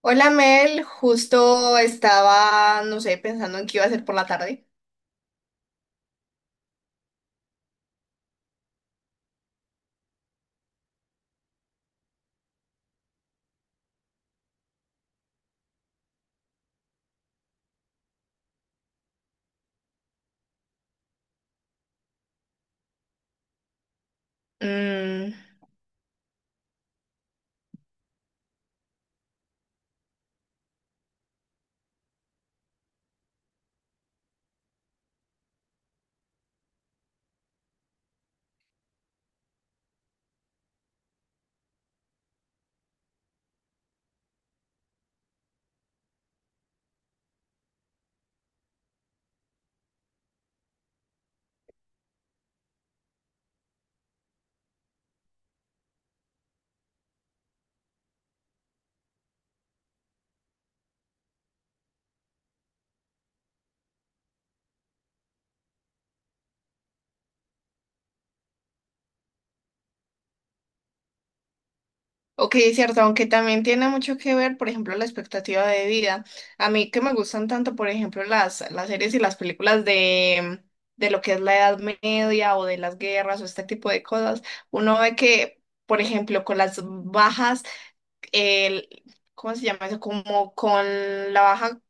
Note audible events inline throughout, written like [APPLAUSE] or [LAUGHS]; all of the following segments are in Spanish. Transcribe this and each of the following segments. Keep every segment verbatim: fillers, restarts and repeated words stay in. Hola Mel, justo estaba, no sé, pensando en qué iba a hacer por la tarde. Mm, ok, cierto, aunque también tiene mucho que ver, por ejemplo, la expectativa de vida. A mí que me gustan tanto, por ejemplo, las, las series y las películas de, de lo que es la Edad Media o de las guerras o este tipo de cosas, uno ve que, por ejemplo, con las bajas, el, ¿cómo se llama eso? Como con la baja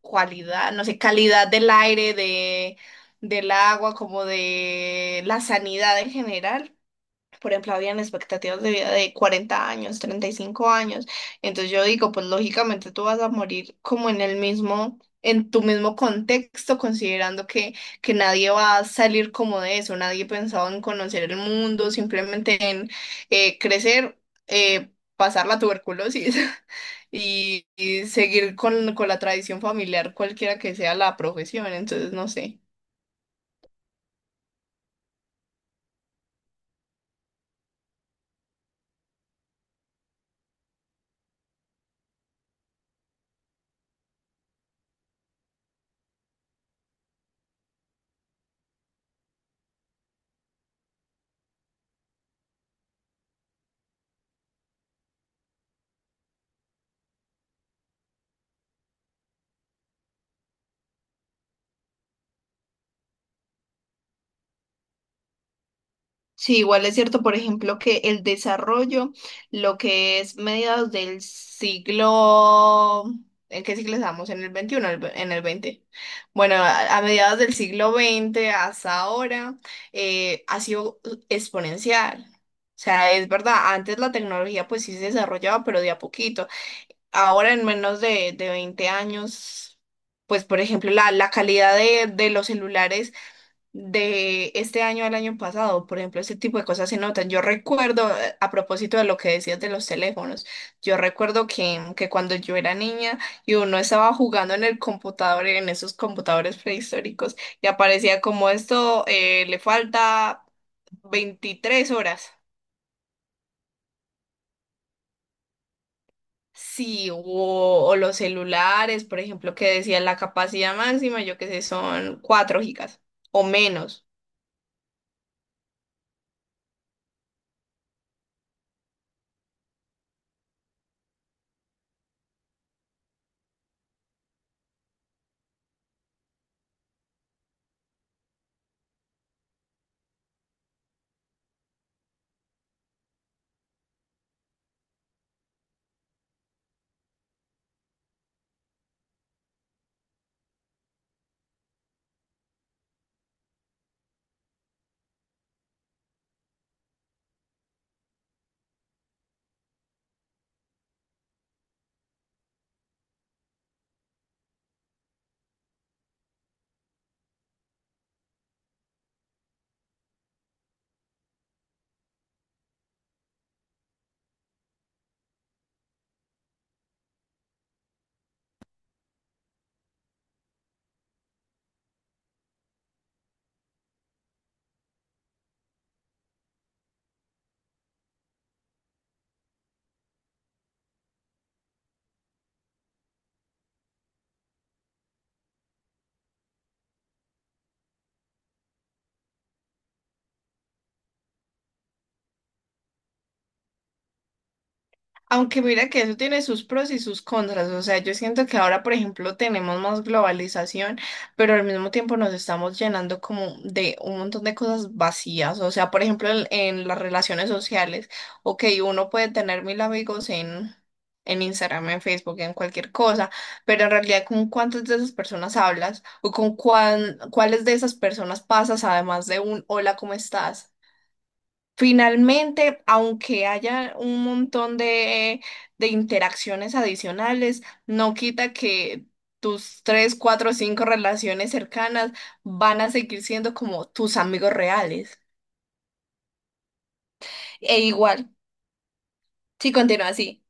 cualidad, no sé, calidad del aire, de, del agua, como de la sanidad en general. Por ejemplo, habían expectativas de vida de cuarenta años, treinta y cinco años. Entonces yo digo, pues lógicamente tú vas a morir como en el mismo, en tu mismo contexto, considerando que, que, nadie va a salir como de eso, nadie pensaba en conocer el mundo, simplemente en eh, crecer, eh, pasar la tuberculosis [LAUGHS] y, y, seguir con, con la tradición familiar, cualquiera que sea la profesión. Entonces, no sé. Sí, igual es cierto, por ejemplo, que el desarrollo, lo que es mediados del siglo, ¿en qué siglo estamos? ¿En el veintiuno, el ve- en el veinte? Bueno, a, a mediados del siglo veinte hasta ahora eh, ha sido exponencial. O sea, es verdad, antes la tecnología pues sí se desarrollaba, pero de a poquito. Ahora en menos de, de veinte años, pues por ejemplo, la, la calidad de, de los celulares de este año al año pasado. Por ejemplo, ese tipo de cosas se notan. Yo recuerdo, eh, a propósito de lo que decías de los teléfonos, yo recuerdo que, que, cuando yo era niña y uno estaba jugando en el computador, en esos computadores prehistóricos, y aparecía como esto, eh, le falta veintitrés horas. Sí, o, o los celulares, por ejemplo, que decían la capacidad máxima, yo qué sé, son cuatro gigas o menos. Aunque mira que eso tiene sus pros y sus contras, o sea, yo siento que ahora, por ejemplo, tenemos más globalización, pero al mismo tiempo nos estamos llenando como de un montón de cosas vacías, o sea, por ejemplo, en, en las relaciones sociales, ok, uno puede tener mil amigos en, en Instagram, en Facebook, en cualquier cosa, pero en realidad con cuántas de esas personas hablas o con cuán- cuáles de esas personas pasas además de un hola, ¿cómo estás? Finalmente, aunque haya un montón de, de, interacciones adicionales, no quita que tus tres, cuatro o cinco relaciones cercanas van a seguir siendo como tus amigos reales. E igual, si continúa así.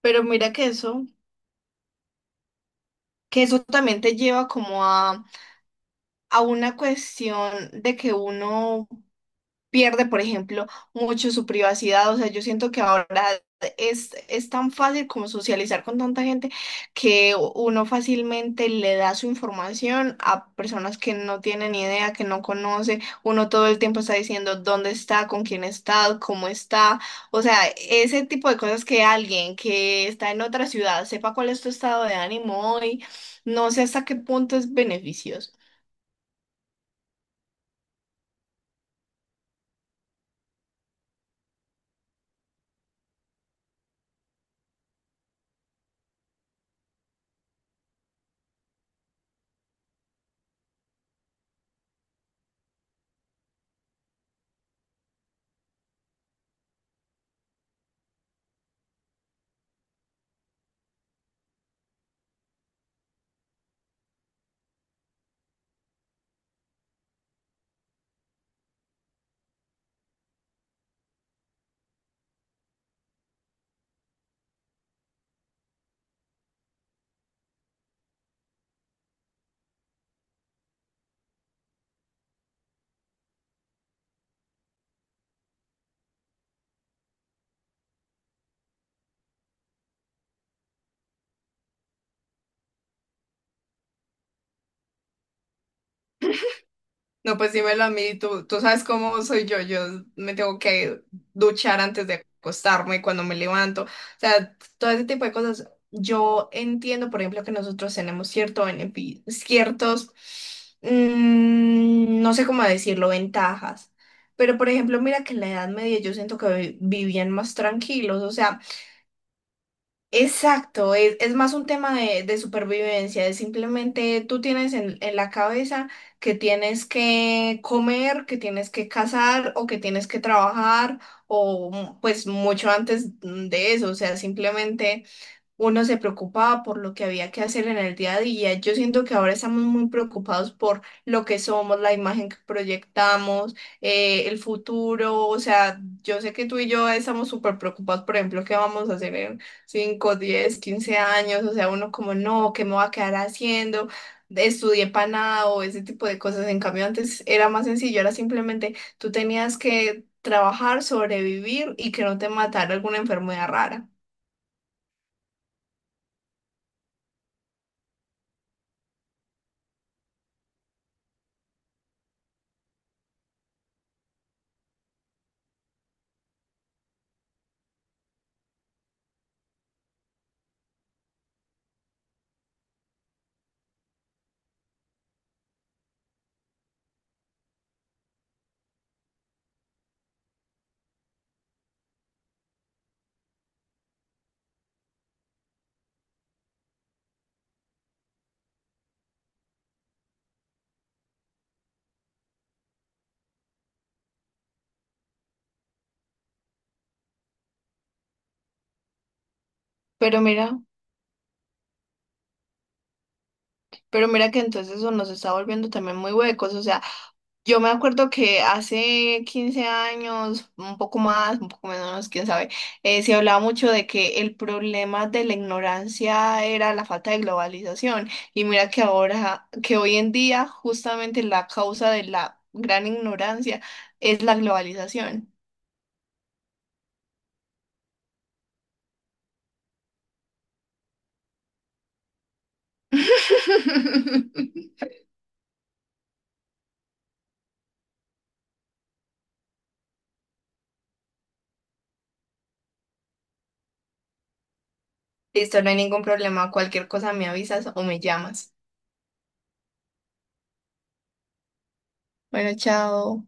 Pero mira que eso, que eso, también te lleva como a, a una cuestión de que uno pierde, por ejemplo, mucho su privacidad. O sea, yo siento que ahora es, es tan fácil como socializar con tanta gente que uno fácilmente le da su información a personas que no tienen ni idea, que no conoce. Uno todo el tiempo está diciendo dónde está, con quién está, cómo está. O sea, ese tipo de cosas que alguien que está en otra ciudad sepa cuál es tu estado de ánimo hoy, no sé hasta qué punto es beneficioso. No, pues dímelo a mí, tú, tú, sabes cómo soy yo, yo me tengo que duchar antes de acostarme, cuando me levanto, o sea, todo ese tipo de cosas. Yo entiendo, por ejemplo, que nosotros tenemos cierto benefi- ciertos, mm, no sé cómo decirlo, ventajas, pero por ejemplo, mira que en la Edad Media yo siento que vi- vivían más tranquilos, o sea, exacto, es, es, más un tema de, de supervivencia, es simplemente tú tienes en, en la cabeza que tienes que comer, que tienes que cazar o que tienes que trabajar o mm, pues mucho antes mm, de eso, o sea, simplemente uno se preocupaba por lo que había que hacer en el día a día. Yo siento que ahora estamos muy preocupados por lo que somos, la imagen que proyectamos, eh, el futuro. O sea, yo sé que tú y yo estamos súper preocupados, por ejemplo, qué vamos a hacer en cinco, diez, quince años. O sea, uno como, no, ¿qué me va a quedar haciendo? Estudié para nada o ese tipo de cosas. En cambio, antes era más sencillo, era simplemente tú tenías que trabajar, sobrevivir y que no te matara alguna enfermedad rara. Pero mira. Pero mira que entonces eso nos está volviendo también muy huecos. O sea, yo me acuerdo que hace quince años, un poco más, un poco menos, quién sabe, eh, se hablaba mucho de que el problema de la ignorancia era la falta de globalización. Y mira que ahora, que hoy en día, justamente la causa de la gran ignorancia es la globalización. [LAUGHS] Listo, no hay ningún problema. Cualquier cosa me avisas o me llamas. Bueno, chao.